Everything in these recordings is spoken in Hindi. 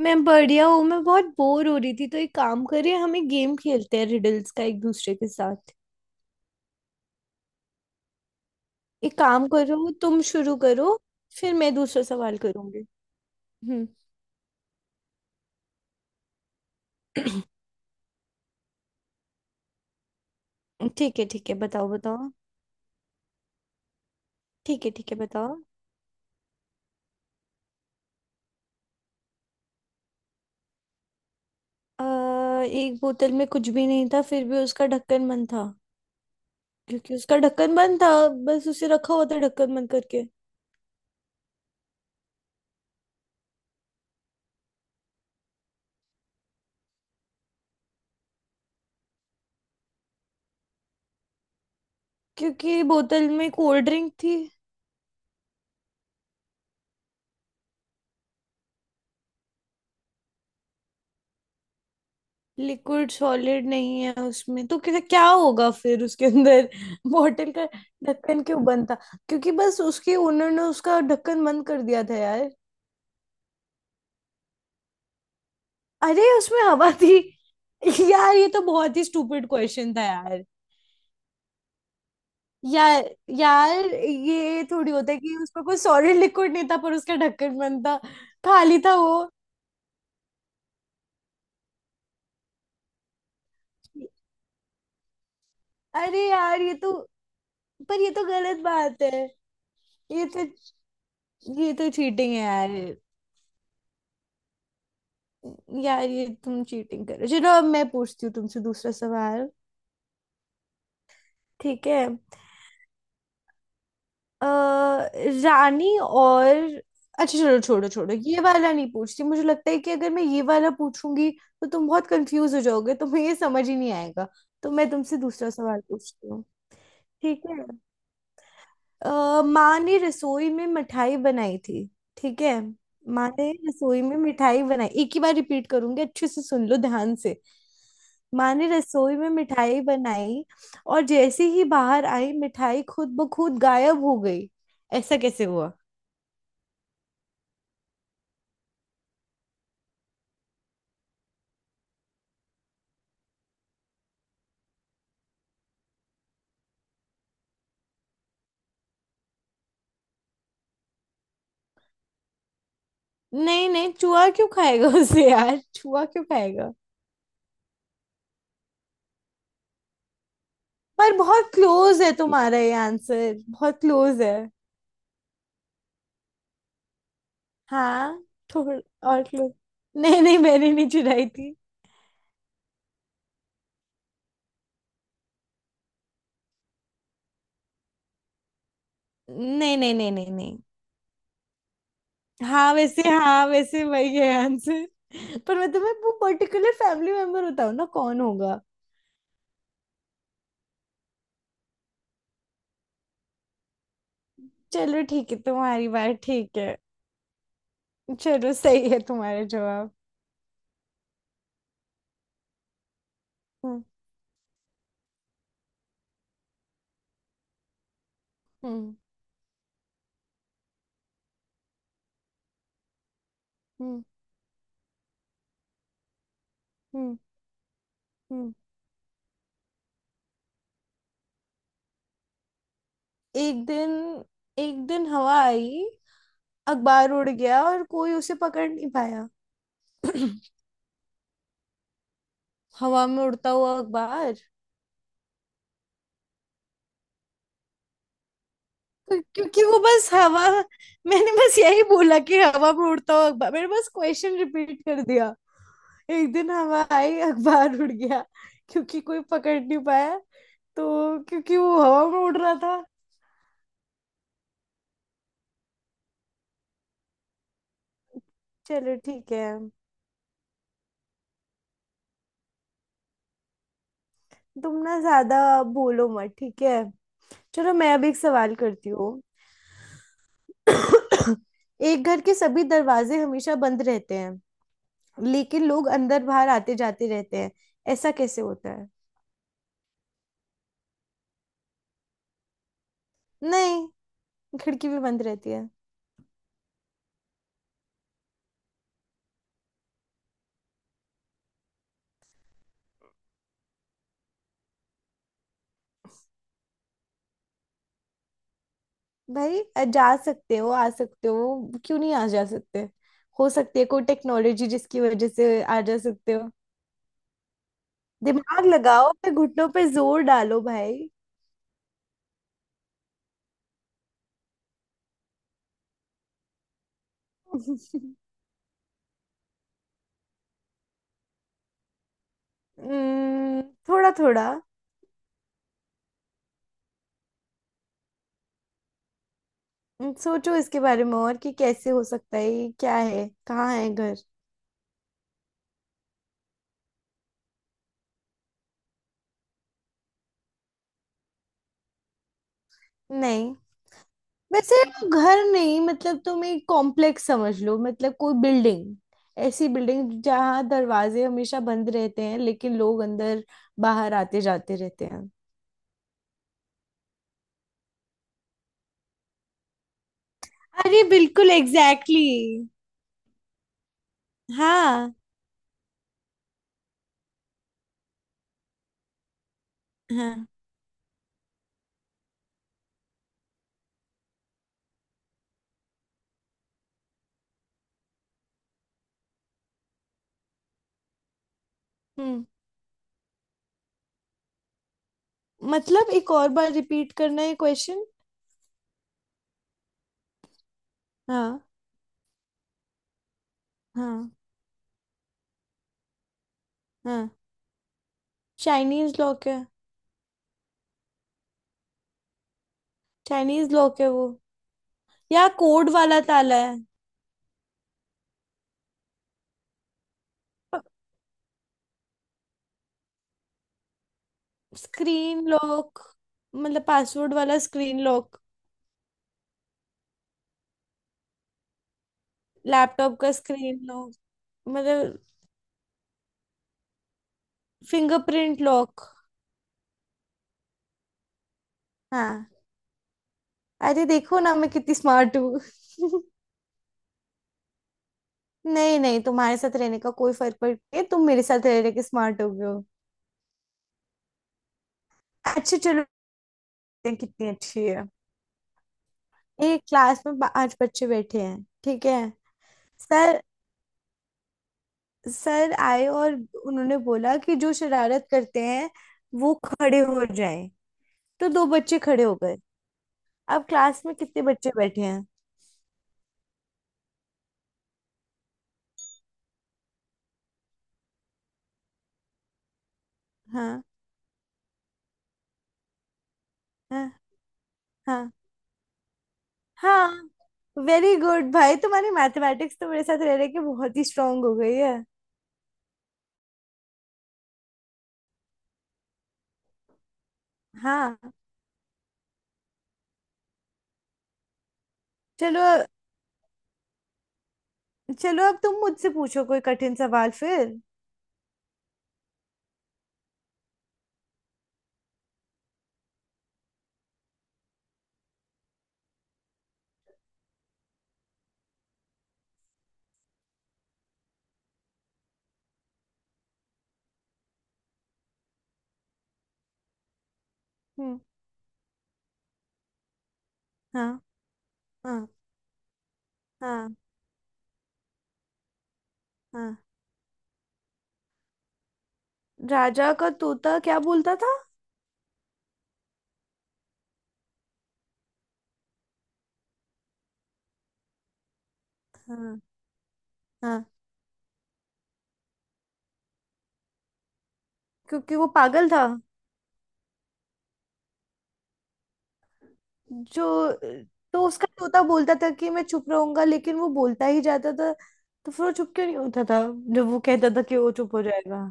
मैं बढ़िया हूँ। मैं बहुत बोर हो रही थी, तो एक काम करें, हम एक गेम खेलते हैं रिडल्स का एक दूसरे के साथ। एक काम करो, तुम शुरू करो, फिर मैं दूसरा सवाल करूंगी। हम्म। ठीक है, ठीक है, बताओ, बताओ। ठीक है, ठीक है, बताओ। एक बोतल में कुछ भी नहीं था, फिर भी उसका ढक्कन बंद था। क्योंकि उसका ढक्कन बंद था। बस उसे रखा हुआ था ढक्कन बंद करके। क्योंकि बोतल में कोल्ड ड्रिंक थी। लिक्विड सॉलिड नहीं है उसमें, तो क्या क्या होगा फिर उसके अंदर। बॉटल का ढक्कन क्यों बंद था? क्योंकि बस उसके ओनर ने उसका ढक्कन बंद कर दिया था यार। अरे, उसमें हवा थी। यार, ये तो बहुत ही स्टूपिड क्वेश्चन था यार। यार, यार ये थोड़ी होता है कि उसमें कोई सॉलिड लिक्विड नहीं था पर उसका ढक्कन बंद था। खाली था वो। अरे यार, ये तो पर ये तो गलत बात है। ये तो ये तो चीटिंग है यार। यार ये तुम चीटिंग कर रहे हो। चलो अब मैं पूछती हूँ तुमसे दूसरा सवाल। ठीक है। अ, रानी और अच्छा, चलो, छोड़ो, छोड़ो, ये वाला नहीं पूछती। मुझे लगता है कि अगर मैं ये वाला पूछूंगी तो तुम बहुत कंफ्यूज हो जाओगे, तुम्हें ये समझ ही नहीं आएगा। तो मैं तुमसे दूसरा सवाल पूछती हूँ। ठीक है। माँ ने रसोई में मिठाई बनाई थी। ठीक है। माँ ने रसोई में मिठाई बनाई, एक ही बार रिपीट करूंगी, अच्छे से सुन लो ध्यान से। माँ ने रसोई में मिठाई बनाई, और जैसे ही बाहर आई मिठाई खुद ब खुद गायब हो गई। ऐसा कैसे हुआ? नहीं, नहीं, चूहा क्यों खाएगा उसे, यार चूहा क्यों खाएगा? पर बहुत क्लोज है तुम्हारा ये आंसर, बहुत क्लोज है। हाँ। थोड़ा और क्लोज। नहीं, नहीं, मैंने नहीं चुराई थी। नहीं, नहीं, नहीं, नहीं, नहीं। हाँ वैसे, हाँ वैसे वही है आंसर। पर मतलब मैं तुम्हें वो पर्टिकुलर फैमिली मेंबर बताऊँ ना कौन होगा? चलो ठीक है, तुम्हारी बात ठीक है। चलो, सही है तुम्हारा जवाब। हम्म। हम्म। हम्म। हम्म। हम्म। एक दिन एक दिन हवा आई, अखबार उड़ गया और कोई उसे पकड़ नहीं पाया। हवा में उड़ता हुआ अखबार। क्योंकि वो बस हवा मैंने बस यही बोला कि हवा में उड़ता हुआ अखबार। मैंने बस क्वेश्चन रिपीट कर दिया। एक दिन हवा आई, अखबार उड़ गया, क्योंकि कोई पकड़ नहीं पाया, तो क्योंकि वो हवा में उड़ रहा था। चलो ठीक है। तुम ना ज्यादा बोलो मत, ठीक है। चलो, मैं अब एक सवाल करती हूँ। एक घर के सभी दरवाजे हमेशा बंद रहते हैं, लेकिन लोग अंदर बाहर आते जाते रहते हैं। ऐसा कैसे होता है? नहीं, खिड़की भी बंद रहती है। भाई, जा सकते हो आ सकते हो, क्यों नहीं आ जा सकते? हो सकती है कोई टेक्नोलॉजी जिसकी वजह से आ जा सकते हो। दिमाग लगाओ, फिर घुटनों पे जोर डालो भाई। हम्म, थोड़ा थोड़ा। सोचो इसके बारे में, और कि कैसे हो सकता है, ये क्या है, कहाँ है घर। नहीं, वैसे वो घर नहीं, मतलब तुम एक कॉम्प्लेक्स समझ लो, मतलब कोई बिल्डिंग। ऐसी बिल्डिंग जहाँ दरवाजे हमेशा बंद रहते हैं, लेकिन लोग अंदर बाहर आते जाते रहते हैं। अरे बिल्कुल एग्जैक्टली exactly. हाँ। हाँ। हम्म। मतलब एक और बार रिपीट करना है क्वेश्चन? हाँ, हाँ, हाँ। चाइनीज लॉक है। चाइनीज लॉक है वो। या कोड वाला ताला है। स्क्रीन लॉक, मतलब पासवर्ड वाला स्क्रीन लॉक। लैपटॉप का स्क्रीन लॉक मतलब। Fingerprint lock. हाँ। अरे देखो ना, मैं कितनी स्मार्ट हूँ। नहीं, नहीं, तुम्हारे साथ रहने का कोई फर्क पड़ नहीं, तुम मेरे साथ रह रहे के स्मार्ट हो गए हो। अच्छा, चलो। हैं, कितनी अच्छी है। एक क्लास में पांच बच्चे बैठे हैं, ठीक है। सर सर आए, और उन्होंने बोला कि जो शरारत करते हैं वो खड़े हो जाएं। तो दो बच्चे खड़े हो गए। अब क्लास में कितने बच्चे बैठे हैं? हाँ, हाँ, हाँ, हाँ। वेरी गुड भाई, तुम्हारी मैथमेटिक्स तो मेरे साथ रह रहे के बहुत ही स्ट्रांग हो गई है। हाँ। चलो, चलो, अब तुम मुझसे पूछो कोई कठिन सवाल फिर। हम्म। हाँ, हाँ, हाँ, हाँ। राजा का तोता क्या बोलता था? हाँ, हाँ। क्योंकि वो पागल था। जो तो उसका तोता बोलता था कि मैं चुप रहूंगा, लेकिन वो बोलता ही जाता था। तो फिर वो चुप क्यों नहीं होता था जब वो कहता था कि वो चुप हो जाएगा?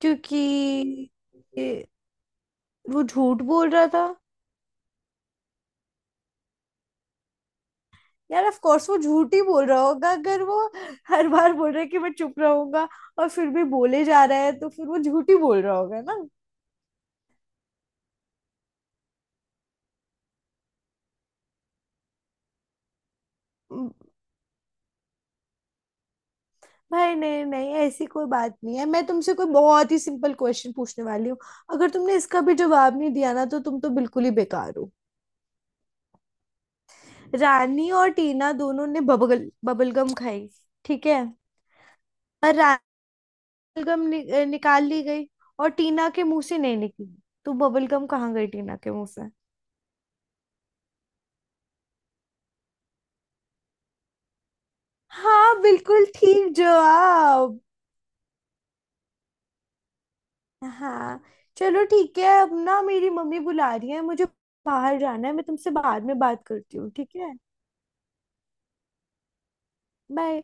क्योंकि ये- वो झूठ बोल रहा था। यार, ऑफ कोर्स वो झूठ ही बोल रहा होगा। अगर वो हर बार बोल रहा है कि मैं चुप रहूंगा और फिर भी बोले जा रहा है, तो फिर वो झूठ ही बोल रहा होगा। ना भाई, नहीं, नहीं, ऐसी कोई बात नहीं है। मैं तुमसे कोई बहुत ही सिंपल क्वेश्चन पूछने वाली हूँ। अगर तुमने इसका भी जवाब नहीं दिया ना, तो तुम तो बिल्कुल ही बेकार हो। रानी और टीना दोनों ने बबल बबल गम खाई, ठीक है। और रानी गम निकाल ली गई, और टीना के मुंह से नहीं निकली। तो बबल गम कहाँ गई टीना के मुंह से? हाँ, बिल्कुल ठीक जवाब। हाँ। चलो ठीक है, अब ना मेरी मम्मी बुला रही है, मुझे बाहर जाना है, मैं तुमसे बाद में बात करती हूँ, ठीक है? बाय।